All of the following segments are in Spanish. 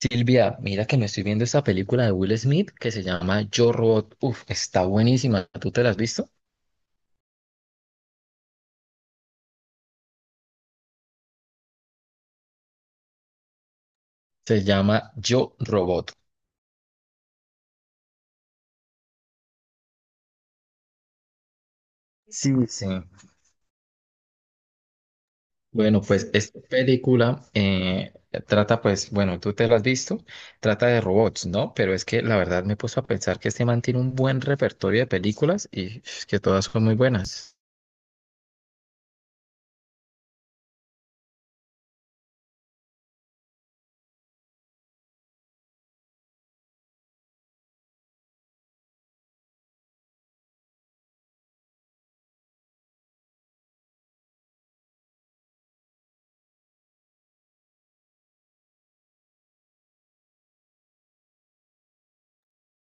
Silvia, mira que me estoy viendo esta película de Will Smith que se llama Yo Robot. Uf, está buenísima. ¿Tú te la has visto? Se llama Yo Robot. Sí, sí. Bueno, pues esta película trata, pues, bueno, tú te la has visto, trata de robots, ¿no? Pero es que la verdad me he puesto a pensar que este man tiene un buen repertorio de películas y es que todas son muy buenas.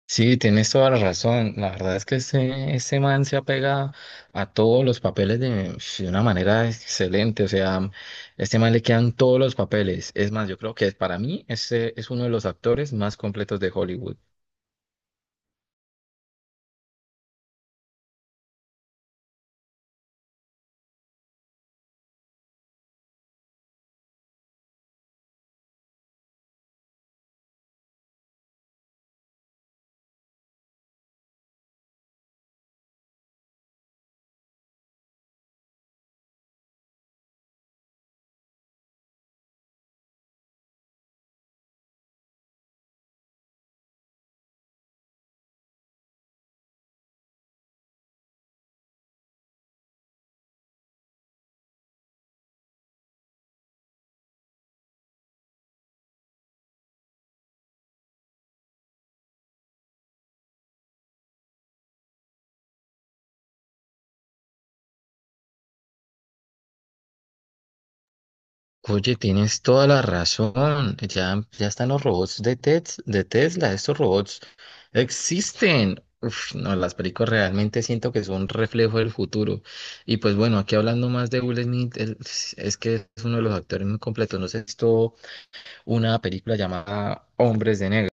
Sí, tienes toda la razón. La verdad es que ese man se apega a todos los papeles de una manera excelente. O sea, este man le quedan todos los papeles. Es más, yo creo que para mí ese es uno de los actores más completos de Hollywood. Oye, tienes toda la razón. Ya, ya están los robots de de Tesla. Estos robots existen. Uf, no, las películas realmente siento que son un reflejo del futuro. Y pues bueno, aquí hablando más de Will Smith, él es que es uno de los actores muy completos. No sé si has visto una película llamada Hombres de Negro.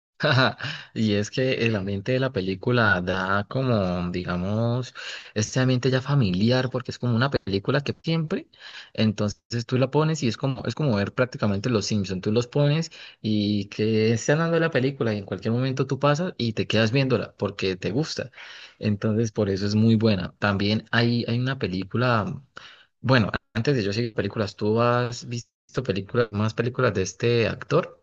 Ajá, y es que el ambiente de la película da como, digamos, este ambiente ya familiar, porque es como una película que siempre, entonces tú la pones y es como ver prácticamente Los Simpson, tú los pones y que están dando la película y en cualquier momento tú pasas y te quedas viéndola porque te gusta. Entonces, por eso es muy buena. También hay una película, bueno, antes de yo seguir películas, ¿tú has visto películas, más películas de este actor?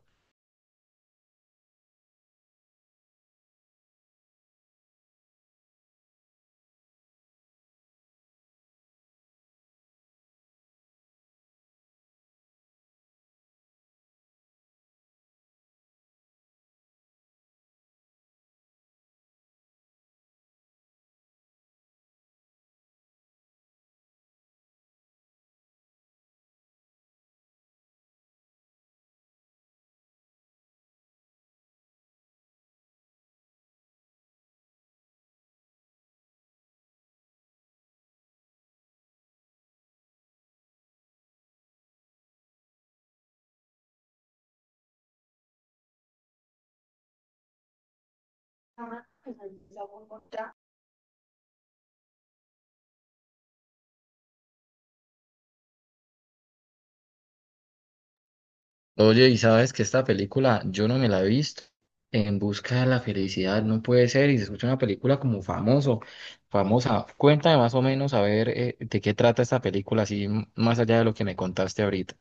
Oye, y sabes que esta película yo no me la he visto. En busca de la felicidad no puede ser. Y se escucha una película como famoso, famosa. Cuéntame más o menos a ver de qué trata esta película, así más allá de lo que me contaste ahorita.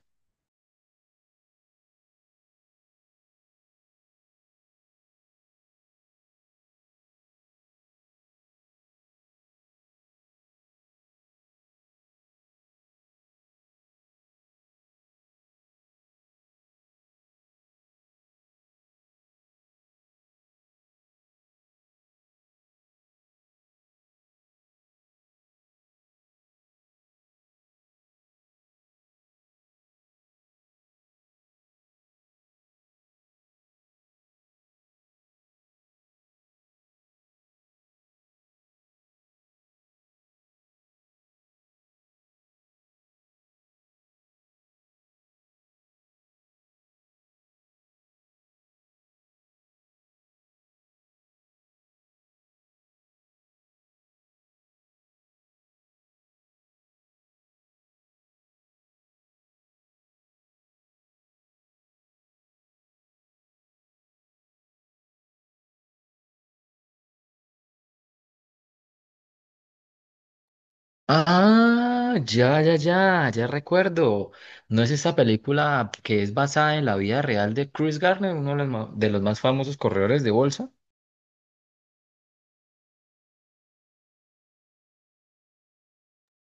Ah, ya, ya, ya, ya recuerdo. ¿No es esta película que es basada en la vida real de Chris Gardner, uno de los más famosos corredores de bolsa?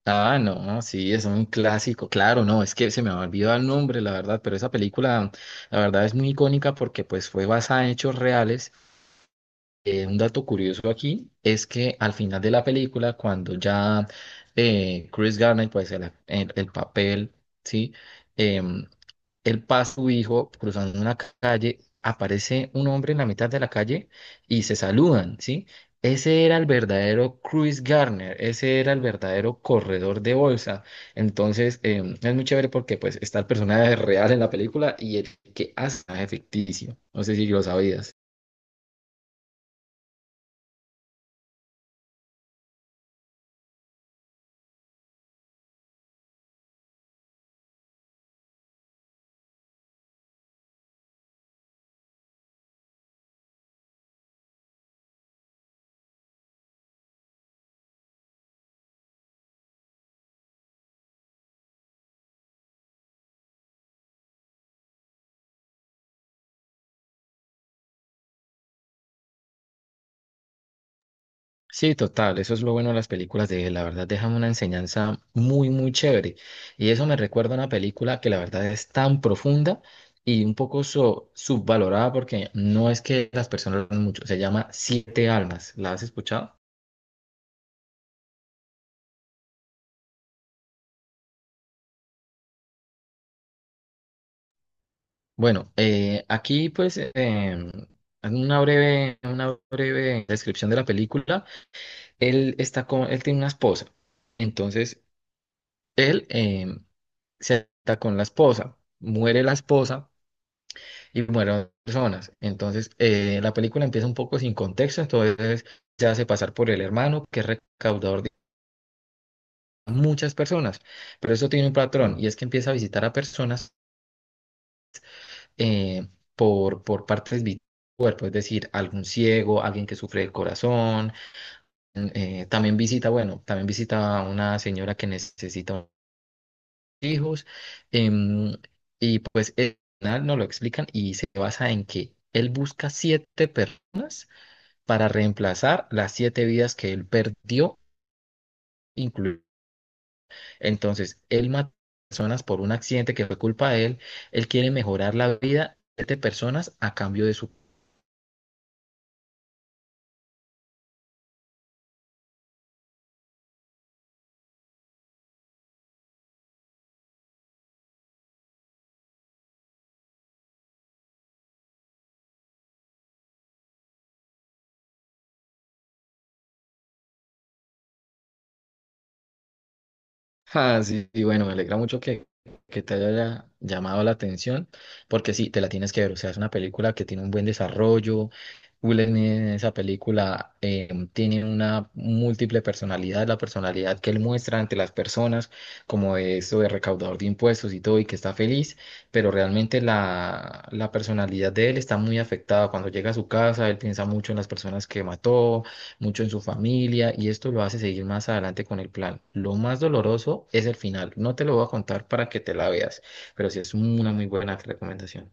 Ah, no, sí, es un clásico, claro, no, es que se me ha olvidado el nombre, la verdad, pero esa película, la verdad, es muy icónica porque pues fue basada en hechos reales. Un dato curioso aquí es que al final de la película, cuando ya Chris Garner, pues el papel, ¿sí? Em, Él pasa su hijo cruzando una calle, aparece un hombre en la mitad de la calle y se saludan, ¿sí? Ese era el verdadero Chris Garner, ese era el verdadero corredor de bolsa. Entonces, es muy chévere porque pues está el personaje real en la película y el que hace es ficticio. No sé si lo sabías. Sí, total, eso es lo bueno de las películas de él, la verdad dejan una enseñanza muy, muy chévere. Y eso me recuerda a una película que la verdad es tan profunda y un poco subvalorada porque no es que las personas lo hagan mucho, se llama Siete Almas, ¿la has escuchado? Bueno, aquí pues en una breve descripción de la película, él está con, él tiene una esposa, entonces él se está con la esposa, muere la esposa y mueron personas. Entonces, la película empieza un poco sin contexto, entonces se hace pasar por el hermano, que es recaudador de muchas personas, pero eso tiene un patrón, y es que empieza a visitar a personas eh, por partes vitales del cuerpo, es decir, algún ciego, alguien que sufre del corazón, también visita, bueno, también visita a una señora que necesita hijos, em, y pues el final no lo explican y se basa en que él busca siete personas para reemplazar las siete vidas que él perdió, incluido. Entonces, él mató personas por un accidente que fue culpa de él, él quiere mejorar la vida de siete personas a cambio de su. Ah, sí, y bueno, me alegra mucho que te haya llamado la atención, porque sí, te la tienes que ver. O sea, es una película que tiene un buen desarrollo. Will en esa película tiene una múltiple personalidad, la personalidad que él muestra ante las personas, como de eso de recaudador de impuestos y todo, y que está feliz, pero realmente la personalidad de él está muy afectada. Cuando llega a su casa, él piensa mucho en las personas que mató, mucho en su familia y esto lo hace seguir más adelante con el plan. Lo más doloroso es el final. No te lo voy a contar para que te la veas, pero sí es una muy buena recomendación.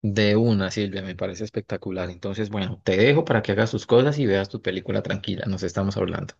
De una, Silvia, me parece espectacular. Entonces, bueno, te dejo para que hagas tus cosas y veas tu película tranquila. Nos estamos hablando.